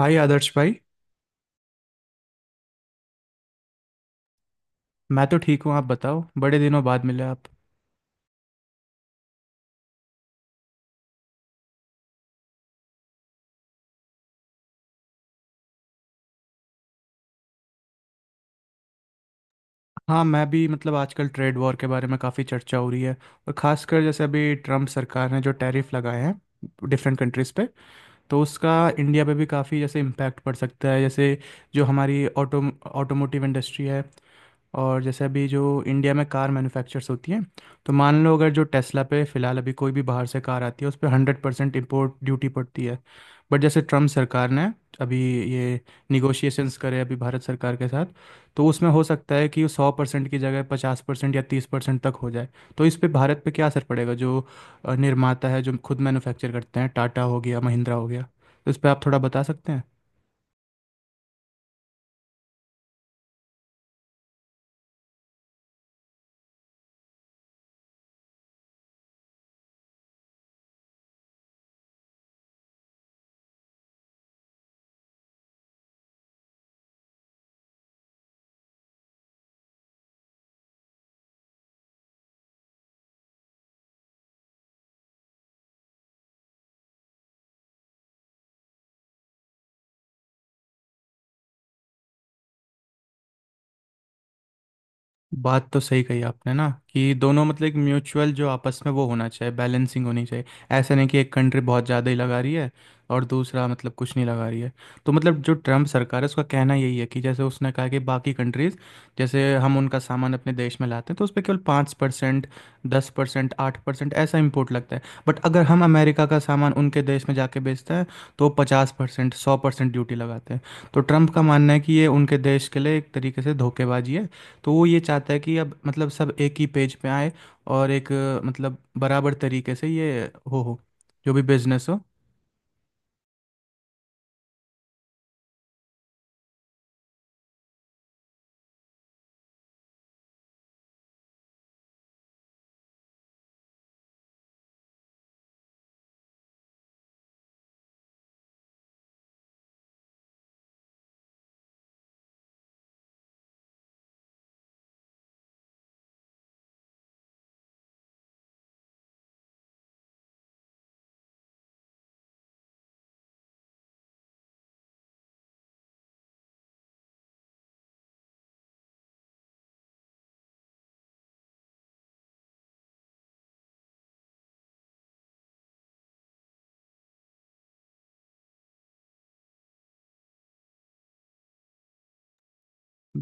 हाय आदर्श भाई। मैं तो ठीक हूँ, आप बताओ, बड़े दिनों बाद मिले आप। हाँ, मैं भी मतलब आजकल ट्रेड वॉर के बारे में काफ़ी चर्चा हो रही है, और खासकर जैसे अभी ट्रम्प सरकार ने जो टैरिफ लगाए हैं डिफरेंट कंट्रीज़ पे। तो उसका इंडिया पे भी काफ़ी जैसे इम्पैक्ट पड़ सकता है। जैसे जो हमारी ऑटोमोटिव इंडस्ट्री है, और जैसे अभी जो इंडिया में कार मैन्युफैक्चर्स होती हैं, तो मान लो अगर जो टेस्ला पे फ़िलहाल अभी कोई भी बाहर से कार आती है उस पर 100% इम्पोर्ट ड्यूटी पड़ती है। बट जैसे ट्रम्प सरकार ने अभी ये निगोशिएशंस करे अभी भारत सरकार के साथ, तो उसमें हो सकता है कि 100% की जगह 50% या 30% तक हो जाए। तो इस पे भारत पे क्या असर पड़ेगा जो निर्माता है, जो खुद मैन्युफैक्चर करते हैं, टाटा हो गया, महिंद्रा हो गया, तो इस पे आप थोड़ा बता सकते हैं। बात तो सही कही आपने ना, कि दोनों मतलब एक म्यूचुअल जो आपस में वो होना चाहिए, बैलेंसिंग होनी चाहिए। ऐसा नहीं कि एक कंट्री बहुत ज़्यादा ही लगा रही है और दूसरा मतलब कुछ नहीं लगा रही है। तो मतलब जो ट्रम्प सरकार है उसका कहना यही है कि जैसे उसने कहा कि बाकी कंट्रीज़ जैसे हम उनका सामान अपने देश में लाते हैं तो उस पर केवल 5%, 10%, 8% ऐसा इम्पोर्ट लगता है, बट अगर हम अमेरिका का सामान उनके देश में जाके बेचते हैं तो 50%, 100% ड्यूटी लगाते हैं। तो ट्रम्प का मानना है कि ये उनके देश के लिए एक तरीके से धोखेबाजी है। तो वो ये चाहता है कि अब मतलब सब एक ही पेज पे आए और एक मतलब बराबर तरीके से ये हो जो भी बिजनेस हो।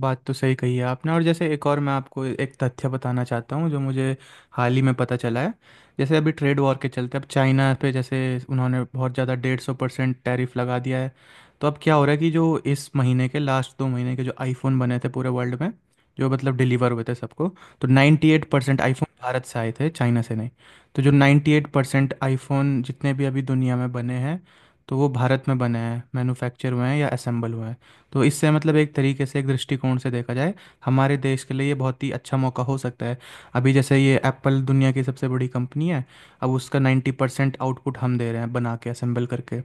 बात तो सही कही है आपने। और जैसे एक और मैं आपको एक तथ्य बताना चाहता हूँ जो मुझे हाल ही में पता चला है। जैसे अभी ट्रेड वॉर के चलते अब चाइना पे जैसे उन्होंने बहुत ज़्यादा 150% टैरिफ लगा दिया है। तो अब क्या हो रहा है कि जो इस महीने के लास्ट, दो महीने के जो आईफोन बने थे पूरे वर्ल्ड में, जो मतलब डिलीवर हुए थे सबको, तो 98% एट परसेंट आईफोन भारत से आए थे, चाइना से नहीं। तो जो 98% एट परसेंट आईफोन जितने भी अभी दुनिया में बने हैं, तो वो भारत में बने हैं, मैन्युफैक्चर हुए हैं या असेंबल हुए हैं। तो इससे मतलब एक तरीके से, एक दृष्टिकोण से देखा जाए, हमारे देश के लिए ये बहुत ही अच्छा मौका हो सकता है। अभी जैसे ये एप्पल दुनिया की सबसे बड़ी कंपनी है, अब उसका 90% आउटपुट हम दे रहे हैं, बना के असेंबल करके।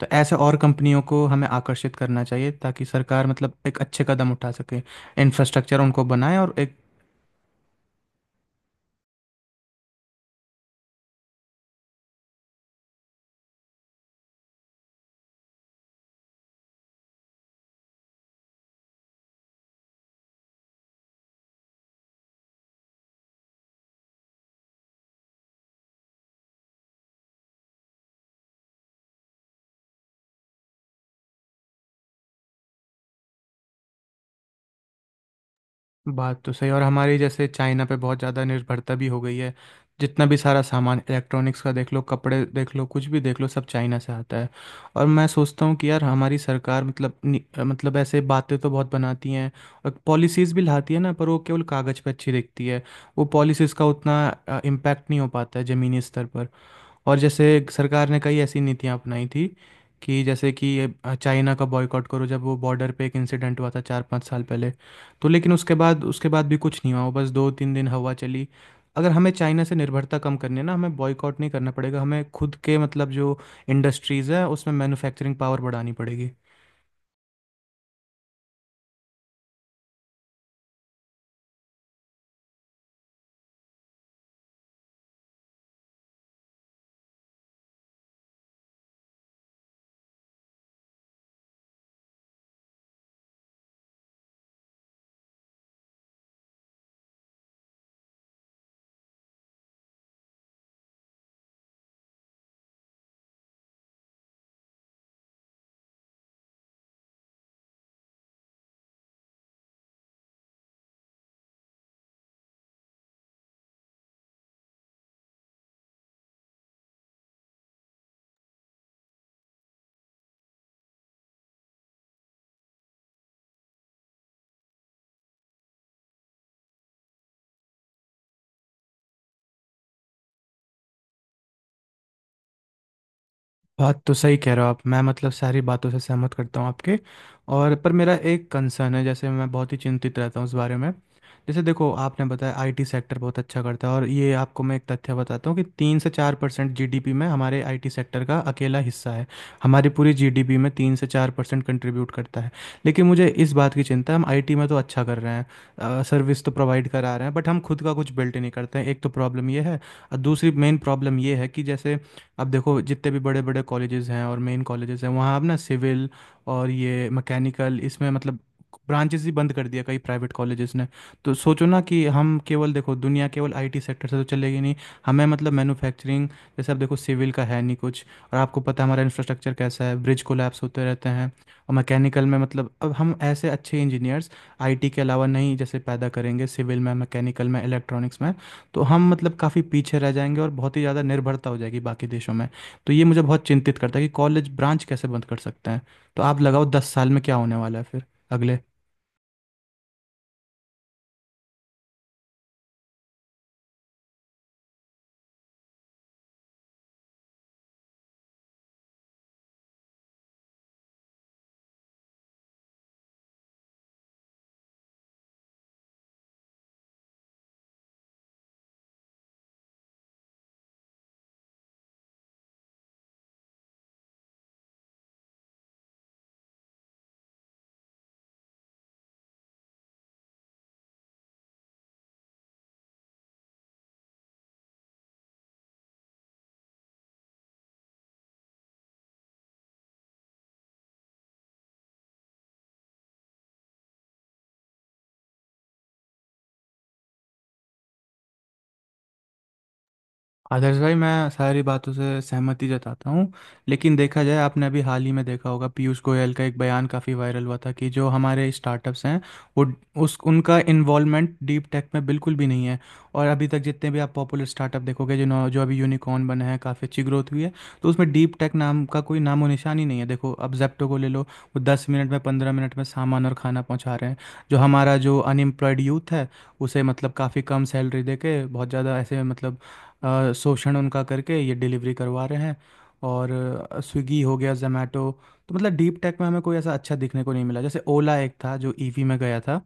तो ऐसे और कंपनियों को हमें आकर्षित करना चाहिए, ताकि सरकार मतलब एक अच्छे कदम उठा सके, इंफ्रास्ट्रक्चर उनको बनाए और एक। बात तो सही। और हमारी जैसे चाइना पे बहुत ज़्यादा निर्भरता भी हो गई है। जितना भी सारा सामान, इलेक्ट्रॉनिक्स का देख लो, कपड़े देख लो, कुछ भी देख लो, सब चाइना से आता है। और मैं सोचता हूँ कि यार हमारी सरकार मतलब मतलब ऐसे बातें तो बहुत बनाती हैं, और पॉलिसीज़ भी लाती है ना, पर वो केवल कागज़ पे अच्छी दिखती है। वो पॉलिसीज़ का उतना इम्पैक्ट नहीं हो पाता है ज़मीनी स्तर पर। और जैसे सरकार ने कई ऐसी नीतियां अपनाई थी, कि जैसे कि ये चाइना का बॉयकॉट करो, जब वो बॉर्डर पे एक इंसिडेंट हुआ था 4 से 5 साल पहले। तो लेकिन उसके बाद, भी कुछ नहीं हुआ, वो बस 2 से 3 दिन हवा चली। अगर हमें चाइना से निर्भरता कम करनी है ना, हमें बॉयकॉट नहीं करना पड़ेगा, हमें खुद के मतलब जो इंडस्ट्रीज़ है उसमें मैन्युफैक्चरिंग पावर बढ़ानी पड़ेगी। बात तो सही कह रहे हो आप, मैं मतलब सारी बातों से सहमत करता हूँ आपके। और पर मेरा एक कंसर्न है, जैसे मैं बहुत ही चिंतित रहता हूँ इस बारे में। जैसे देखो आपने बताया आईटी सेक्टर बहुत अच्छा करता है, और ये आपको मैं एक तथ्य बताता हूँ कि 3 से 4% जीडीपी में हमारे आईटी सेक्टर का अकेला हिस्सा है। हमारी पूरी जीडीपी में 3 से 4% कंट्रीब्यूट करता है। लेकिन मुझे इस बात की चिंता है, हम आईटी में तो अच्छा कर रहे हैं, सर्विस तो प्रोवाइड करा रहे हैं, बट हम खुद का कुछ बिल्ट ही नहीं करते हैं, एक तो प्रॉब्लम ये है। और दूसरी मेन प्रॉब्लम ये है कि जैसे अब देखो जितने भी बड़े बड़े कॉलेजेस हैं और मेन कॉलेजेस हैं, वहाँ अब ना सिविल और ये मैकेनिकल, इसमें मतलब ब्रांचेस ही बंद कर दिया कई प्राइवेट कॉलेजेस ने। तो सोचो ना कि हम केवल, देखो, दुनिया केवल आईटी सेक्टर से तो चलेगी नहीं। हमें मतलब मैन्युफैक्चरिंग, जैसे अब देखो सिविल का है नहीं कुछ, और आपको पता है हमारा इंफ्रास्ट्रक्चर कैसा है, ब्रिज कोलैप्स होते रहते हैं। और मैकेनिकल में मतलब, अब हम ऐसे अच्छे इंजीनियर्स आईटी के अलावा नहीं जैसे पैदा करेंगे, सिविल में, मैकेनिकल में, इलेक्ट्रॉनिक्स में, तो हम मतलब काफ़ी पीछे रह जाएंगे और बहुत ही ज़्यादा निर्भरता हो जाएगी बाकी देशों में। तो ये मुझे बहुत चिंतित करता है कि कॉलेज ब्रांच कैसे बंद कर सकते हैं। तो आप लगाओ 10 साल में क्या होने वाला है फिर अगले। आदर्श भाई, मैं सारी बातों से सहमति जताता हूँ, लेकिन देखा जाए आपने अभी हाल ही में देखा होगा पीयूष गोयल का एक बयान काफ़ी वायरल हुआ था, कि जो हमारे स्टार्टअप्स हैं वो उस उनका इन्वॉल्वमेंट डीप टेक में बिल्कुल भी नहीं है। और अभी तक जितने भी आप पॉपुलर स्टार्टअप देखोगे जो जो अभी यूनिकॉर्न बने हैं, काफ़ी अच्छी ग्रोथ हुई है, तो उसमें डीप टेक नाम का कोई नामो निशान ही नहीं है। देखो अब जेप्टो को ले लो, वो 10 मिनट में, 15 मिनट में सामान और खाना पहुंचा रहे हैं। जो हमारा जो अनएम्प्लॉयड यूथ है उसे मतलब काफ़ी कम सैलरी दे के, बहुत ज़्यादा ऐसे मतलब शोषण उनका करके ये डिलीवरी करवा रहे हैं। और स्विगी हो गया, जोमेटो। तो मतलब डीप टेक में हमें कोई ऐसा अच्छा दिखने को नहीं मिला, जैसे ओला एक था जो ईवी में गया था।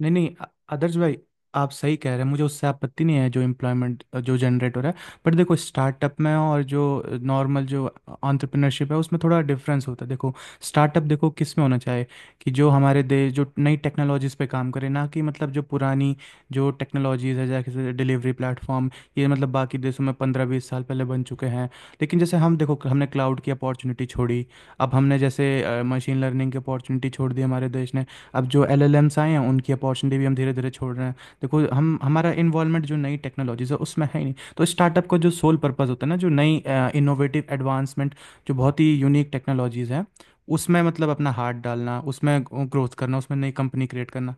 नहीं नहीं, आदर्श भाई, आप सही कह रहे हैं, मुझे उससे आपत्ति नहीं है जो एम्प्लॉयमेंट जो जनरेट हो रहा है। बट देखो स्टार्टअप में और जो नॉर्मल जो एंटरप्रेन्योरशिप है, उसमें थोड़ा डिफरेंस होता है। देखो स्टार्टअप देखो किस में होना चाहिए, कि जो हमारे देश जो नई टेक्नोलॉजीज पे काम करे, ना कि मतलब जो पुरानी जो टेक्नोलॉजीज है जैसे डिलीवरी प्लेटफॉर्म। ये मतलब बाकी देशों में 15 से 20 साल पहले बन चुके हैं। लेकिन जैसे हम देखो, हमने क्लाउड की अपॉर्चुनिटी छोड़ी, अब हमने जैसे मशीन लर्निंग की अपॉर्चुनिटी छोड़ दी हमारे देश ने, अब जो एलएलएम्स आए हैं उनकी अपॉर्चुनिटी भी हम धीरे धीरे छोड़ रहे हैं। देखो हम हमारा इन्वॉल्वमेंट जो नई टेक्नोलॉजीज है उसमें है ही नहीं, तो स्टार्टअप का जो सोल पर्पस होता है ना, जो नई इनोवेटिव एडवांसमेंट, जो बहुत ही यूनिक टेक्नोलॉजीज हैं, उसमें मतलब अपना हाथ डालना, उसमें ग्रोथ करना, उसमें नई कंपनी क्रिएट करना,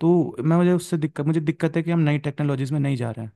तो मैं मुझे उससे दिक्कत मुझे दिक्कत है कि हम नई टेक्नोलॉजीज में नहीं जा रहे हैं।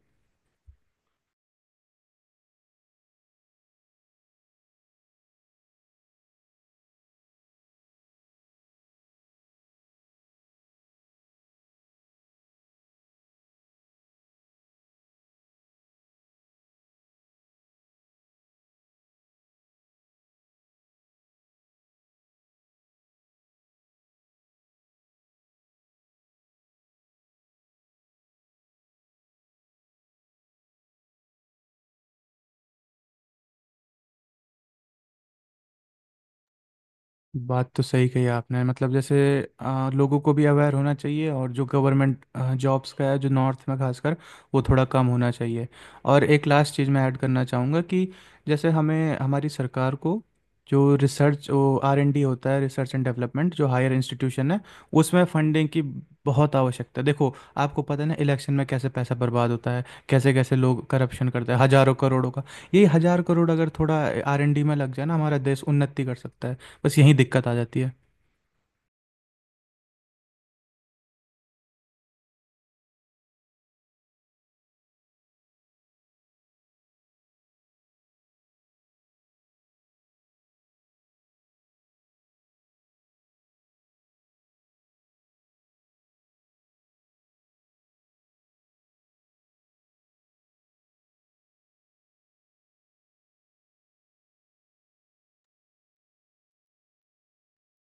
बात तो सही कही आपने, मतलब जैसे लोगों को भी अवेयर होना चाहिए, और जो गवर्नमेंट जॉब्स का है जो नॉर्थ में खासकर, वो थोड़ा कम होना चाहिए। और एक लास्ट चीज़ मैं ऐड करना चाहूँगा कि जैसे हमें हमारी सरकार को जो रिसर्च वो R&D होता है, रिसर्च एंड डेवलपमेंट, जो हायर इंस्टीट्यूशन है उसमें फंडिंग की बहुत आवश्यकता है। देखो, आपको पता है ना इलेक्शन में कैसे पैसा बर्बाद होता है, कैसे कैसे लोग करप्शन करते हैं हजारों करोड़ों का। ये हजार करोड़ अगर थोड़ा R&D में लग जाए ना, हमारा देश उन्नति कर सकता है। बस यही दिक्कत आ जाती है।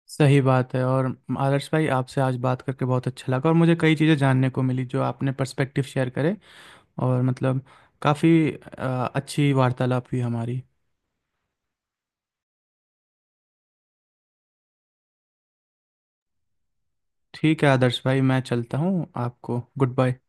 सही बात है। और आदर्श भाई, आपसे आज बात करके बहुत अच्छा लगा, और मुझे कई चीज़ें जानने को मिली, जो आपने पर्सपेक्टिव शेयर करे, और मतलब काफ़ी अच्छी वार्तालाप हुई हमारी। ठीक है आदर्श भाई, मैं चलता हूँ, आपको गुड बाय।